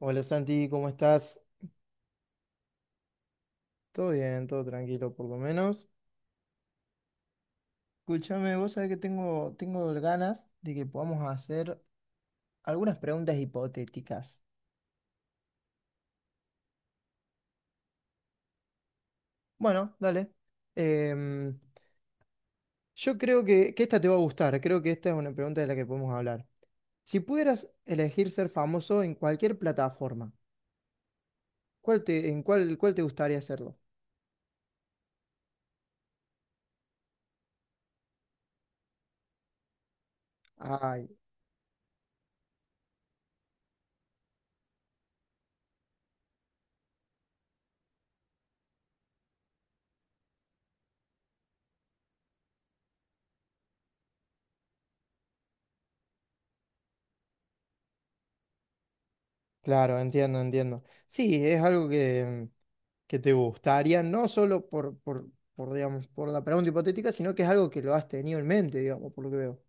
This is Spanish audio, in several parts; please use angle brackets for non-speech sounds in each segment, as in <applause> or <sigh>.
Hola Santi, ¿cómo estás? Todo bien, todo tranquilo por lo menos. Escúchame, vos sabés que tengo ganas de que podamos hacer algunas preguntas hipotéticas. Bueno, dale. Em, yo creo que esta te va a gustar, creo que esta es una pregunta de la que podemos hablar. Si pudieras elegir ser famoso en cualquier plataforma, ¿Cuál te gustaría hacerlo? Ay, claro, entiendo, entiendo. Sí, es algo que te gustaría, no solo por, digamos, por la pregunta hipotética, sino que es algo que lo has tenido en mente, digamos, por lo que veo.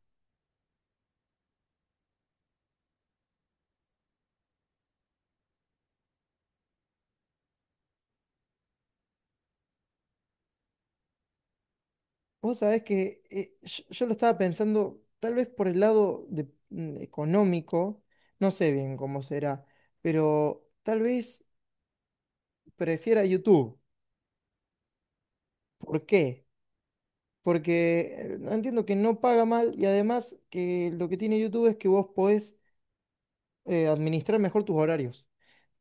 Vos sabés que yo lo estaba pensando tal vez por el lado económico, no sé bien cómo será, pero tal vez prefiera YouTube. ¿Por qué? Porque no, entiendo que no paga mal, y además que lo que tiene YouTube es que vos podés administrar mejor tus horarios.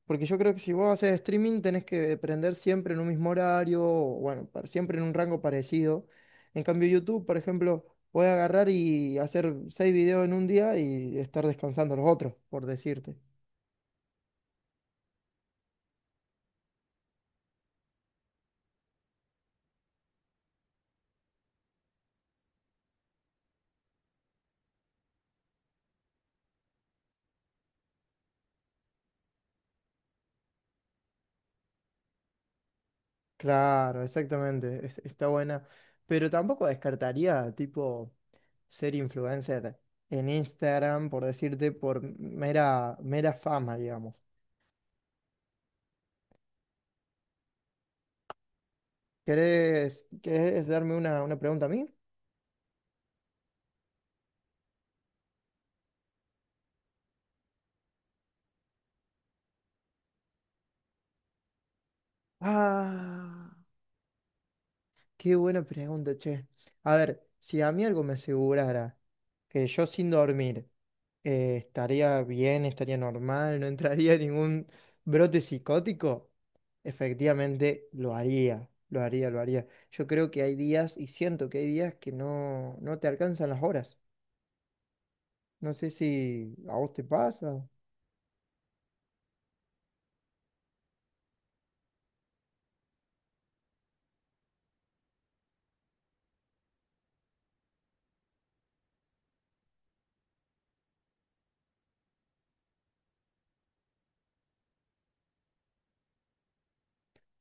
Porque yo creo que si vos haces streaming tenés que prender siempre en un mismo horario, o bueno, siempre en un rango parecido. En cambio, YouTube, por ejemplo, puede agarrar y hacer seis videos en un día y estar descansando los otros, por decirte. Claro, exactamente, está buena. Pero tampoco descartaría, tipo, ser influencer en Instagram, por decirte, por mera, mera fama, digamos. ¿Querés darme una pregunta a mí? Ah. Qué buena pregunta, che. A ver, si a mí algo me asegurara que yo sin dormir estaría bien, estaría normal, no entraría en ningún brote psicótico, efectivamente lo haría, lo haría, lo haría. Yo creo que hay días, y siento que hay días que no te alcanzan las horas. No sé si a vos te pasa.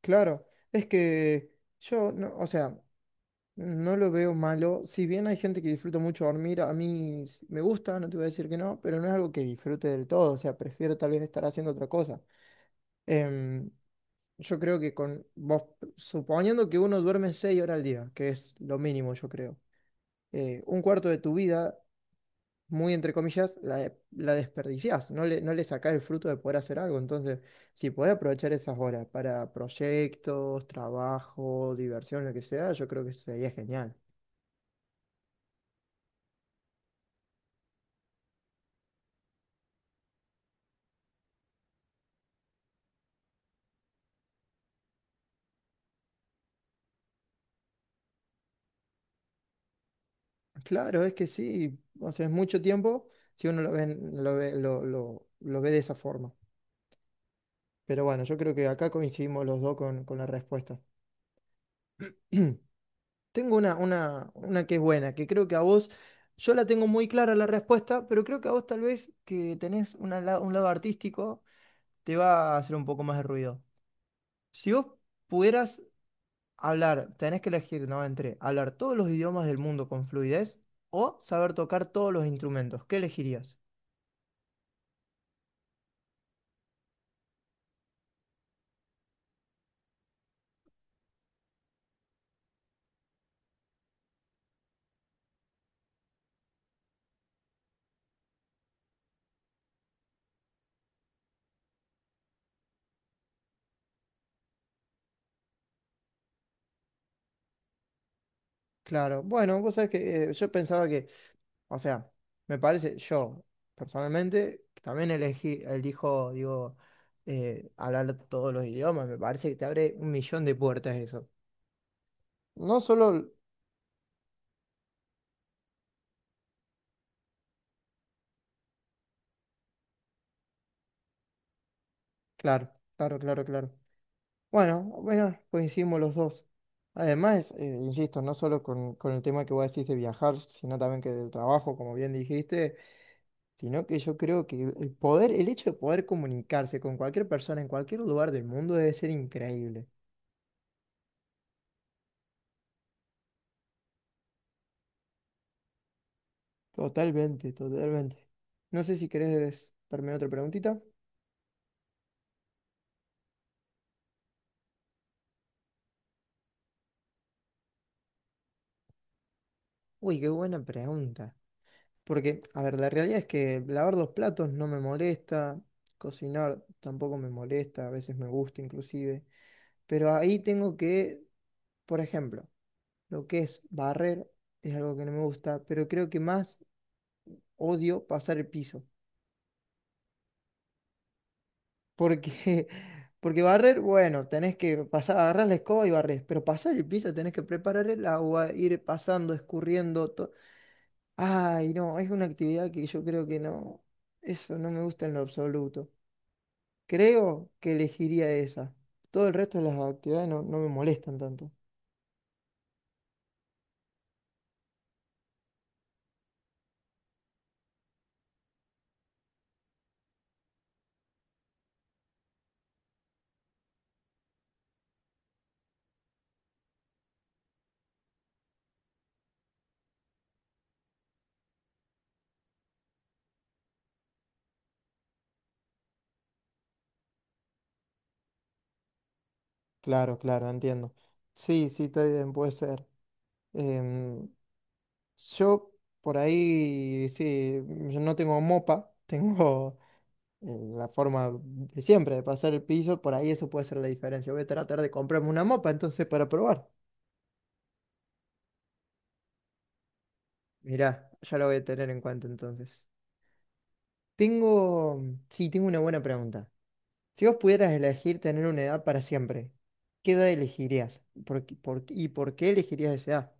Claro, es que yo, no, o sea. No lo veo malo. Si bien hay gente que disfruta mucho dormir, a mí me gusta, no te voy a decir que no, pero no es algo que disfrute del todo. O sea, prefiero tal vez estar haciendo otra cosa. Em, yo creo que con vos, suponiendo que uno duerme 6 horas al día, que es lo mínimo, yo creo, un cuarto de tu vida, muy entre comillas, la desperdiciás. No le sacás el fruto de poder hacer algo. Entonces, si podés aprovechar esas horas para proyectos, trabajo, diversión, lo que sea, yo creo que sería genial. Claro, es que sí, o sea, es mucho tiempo si uno lo ve, lo ve, lo ve de esa forma. Pero bueno, yo creo que acá coincidimos los dos con la respuesta. <clears throat> Tengo una que es buena, que creo que a vos, yo la tengo muy clara la respuesta, pero creo que a vos tal vez que tenés un lado artístico, te va a hacer un poco más de ruido. Si vos pudieras hablar, tenés que elegir, ¿no? Entre hablar todos los idiomas del mundo con fluidez o saber tocar todos los instrumentos, ¿qué elegirías? Claro, bueno, vos sabés que yo pensaba que, o sea, me parece, yo personalmente también elegí, elijo, digo, hablar todos los idiomas, me parece que te abre un millón de puertas eso. No solo, claro, claro, claro, claro. Bueno, bueno, coincidimos los dos. Además, insisto, no solo con el tema que vos decís de viajar, sino también que del trabajo, como bien dijiste, sino que yo creo que el poder, el hecho de poder comunicarse con cualquier persona en cualquier lugar del mundo debe ser increíble. Totalmente, totalmente. No sé si querés darme otra preguntita. Uy, qué buena pregunta. Porque, a ver, la realidad es que lavar los platos no me molesta, cocinar tampoco me molesta, a veces me gusta inclusive, pero ahí tengo que, por ejemplo, lo que es barrer es algo que no me gusta, pero creo que más odio pasar el piso, porque <laughs> porque barrer, bueno, tenés que pasar, agarrar la escoba y barrer, pero pasar el piso tenés que preparar el agua, ir pasando, escurriendo. Ay, no, es una actividad que yo creo que no, eso no me gusta en lo absoluto. Creo que elegiría esa. Todo el resto de las actividades no, no me molestan tanto. Claro, claro, entiendo. Sí, sí, está bien, puede ser. Em, yo por ahí, sí, yo no tengo mopa, <laughs> tengo la forma de siempre de pasar el piso, por ahí eso puede ser la diferencia. Voy a tratar de comprarme una mopa entonces para probar. Mirá, ya lo voy a tener en cuenta entonces. Tengo, sí, tengo una buena pregunta. Si vos pudieras elegir tener una edad para siempre, ¿qué edad elegirías? ¿Y por qué elegirías esa edad?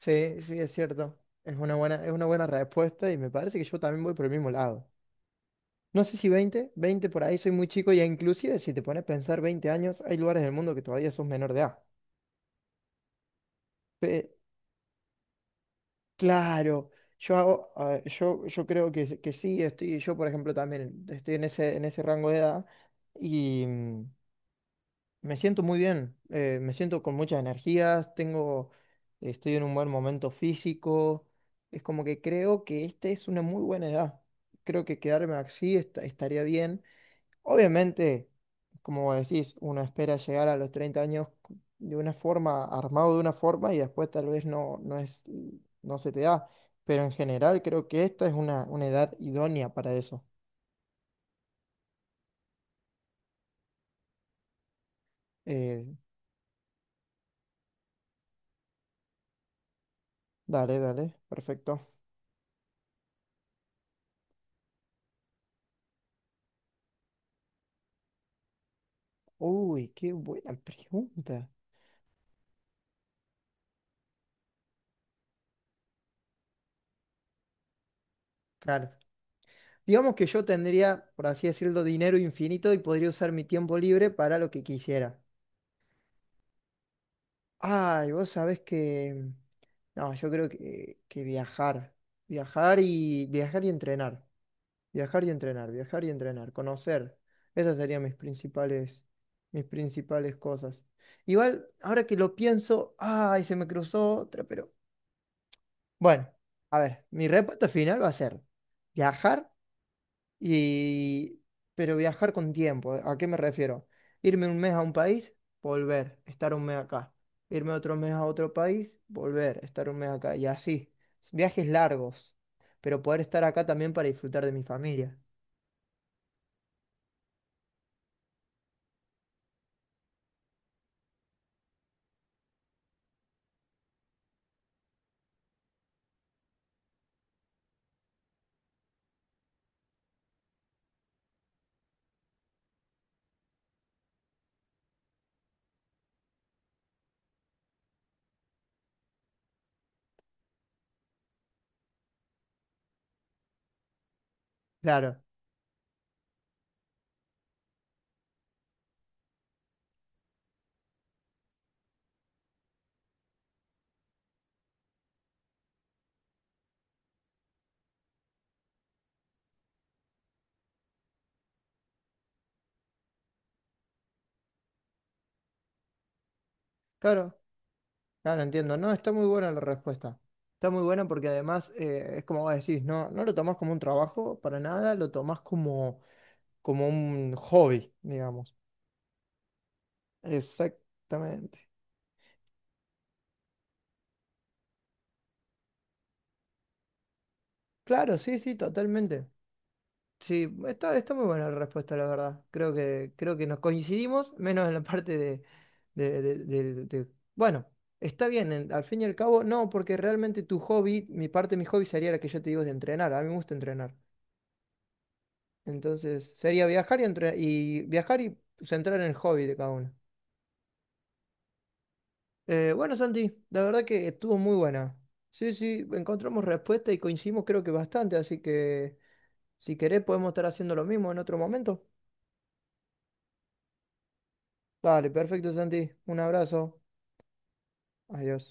Sí, sí, es cierto. Es una buena respuesta y me parece que yo también voy por el mismo lado. No sé si veinte, por ahí soy muy chico, y inclusive si te pones a pensar 20 años, hay lugares del mundo que todavía sos menor de edad. Pe- claro, yo hago, ah, yo creo que sí, estoy, yo por ejemplo también estoy en ese rango de edad y... me siento muy bien, me siento con muchas energías, tengo, estoy en un buen momento físico. Es como que creo que esta es una muy buena edad. Creo que quedarme así estaría bien. Obviamente, como decís, uno espera llegar a los 30 años de una forma, armado de una forma, y después tal vez no, no es, no se te da. Pero en general creo que esta es una edad idónea para eso. Eh, dale, dale, perfecto. Uy, qué buena pregunta. Claro. Digamos que yo tendría, por así decirlo, dinero infinito y podría usar mi tiempo libre para lo que quisiera. Ay, vos sabés que... No, yo creo que viajar. Viajar y viajar y entrenar. Viajar y entrenar, viajar y entrenar, conocer. Esas serían mis principales cosas. Igual, ahora que lo pienso, ay, se me cruzó otra, pero bueno, a ver, mi respuesta final va a ser viajar. Y pero viajar con tiempo, ¿a qué me refiero? Irme un mes a un país, volver, estar un mes acá. Irme otro mes a otro país, volver, estar un mes acá. Y así, viajes largos, pero poder estar acá también para disfrutar de mi familia. Claro, claro, claro, entiendo. No, está muy buena la respuesta. Está muy buena porque además es como vos decís, no, no lo tomás como un trabajo para nada, lo tomás como, como un hobby, digamos. Exactamente. Claro, sí, sí, totalmente. Sí, está, está muy buena la respuesta, la verdad. Creo que nos coincidimos, menos en la parte de. Bueno, está bien, al fin y al cabo, no, porque realmente tu hobby, mi parte de mi hobby sería la que yo te digo de entrenar. A mí me gusta entrenar. Entonces, sería viajar y, y viajar y centrar en el hobby de cada uno. Bueno, Santi, la verdad que estuvo muy buena. Sí, sí, encontramos respuesta y coincidimos creo que bastante, así que si querés podemos estar haciendo lo mismo en otro momento. Dale, perfecto, Santi. Un abrazo. Adiós.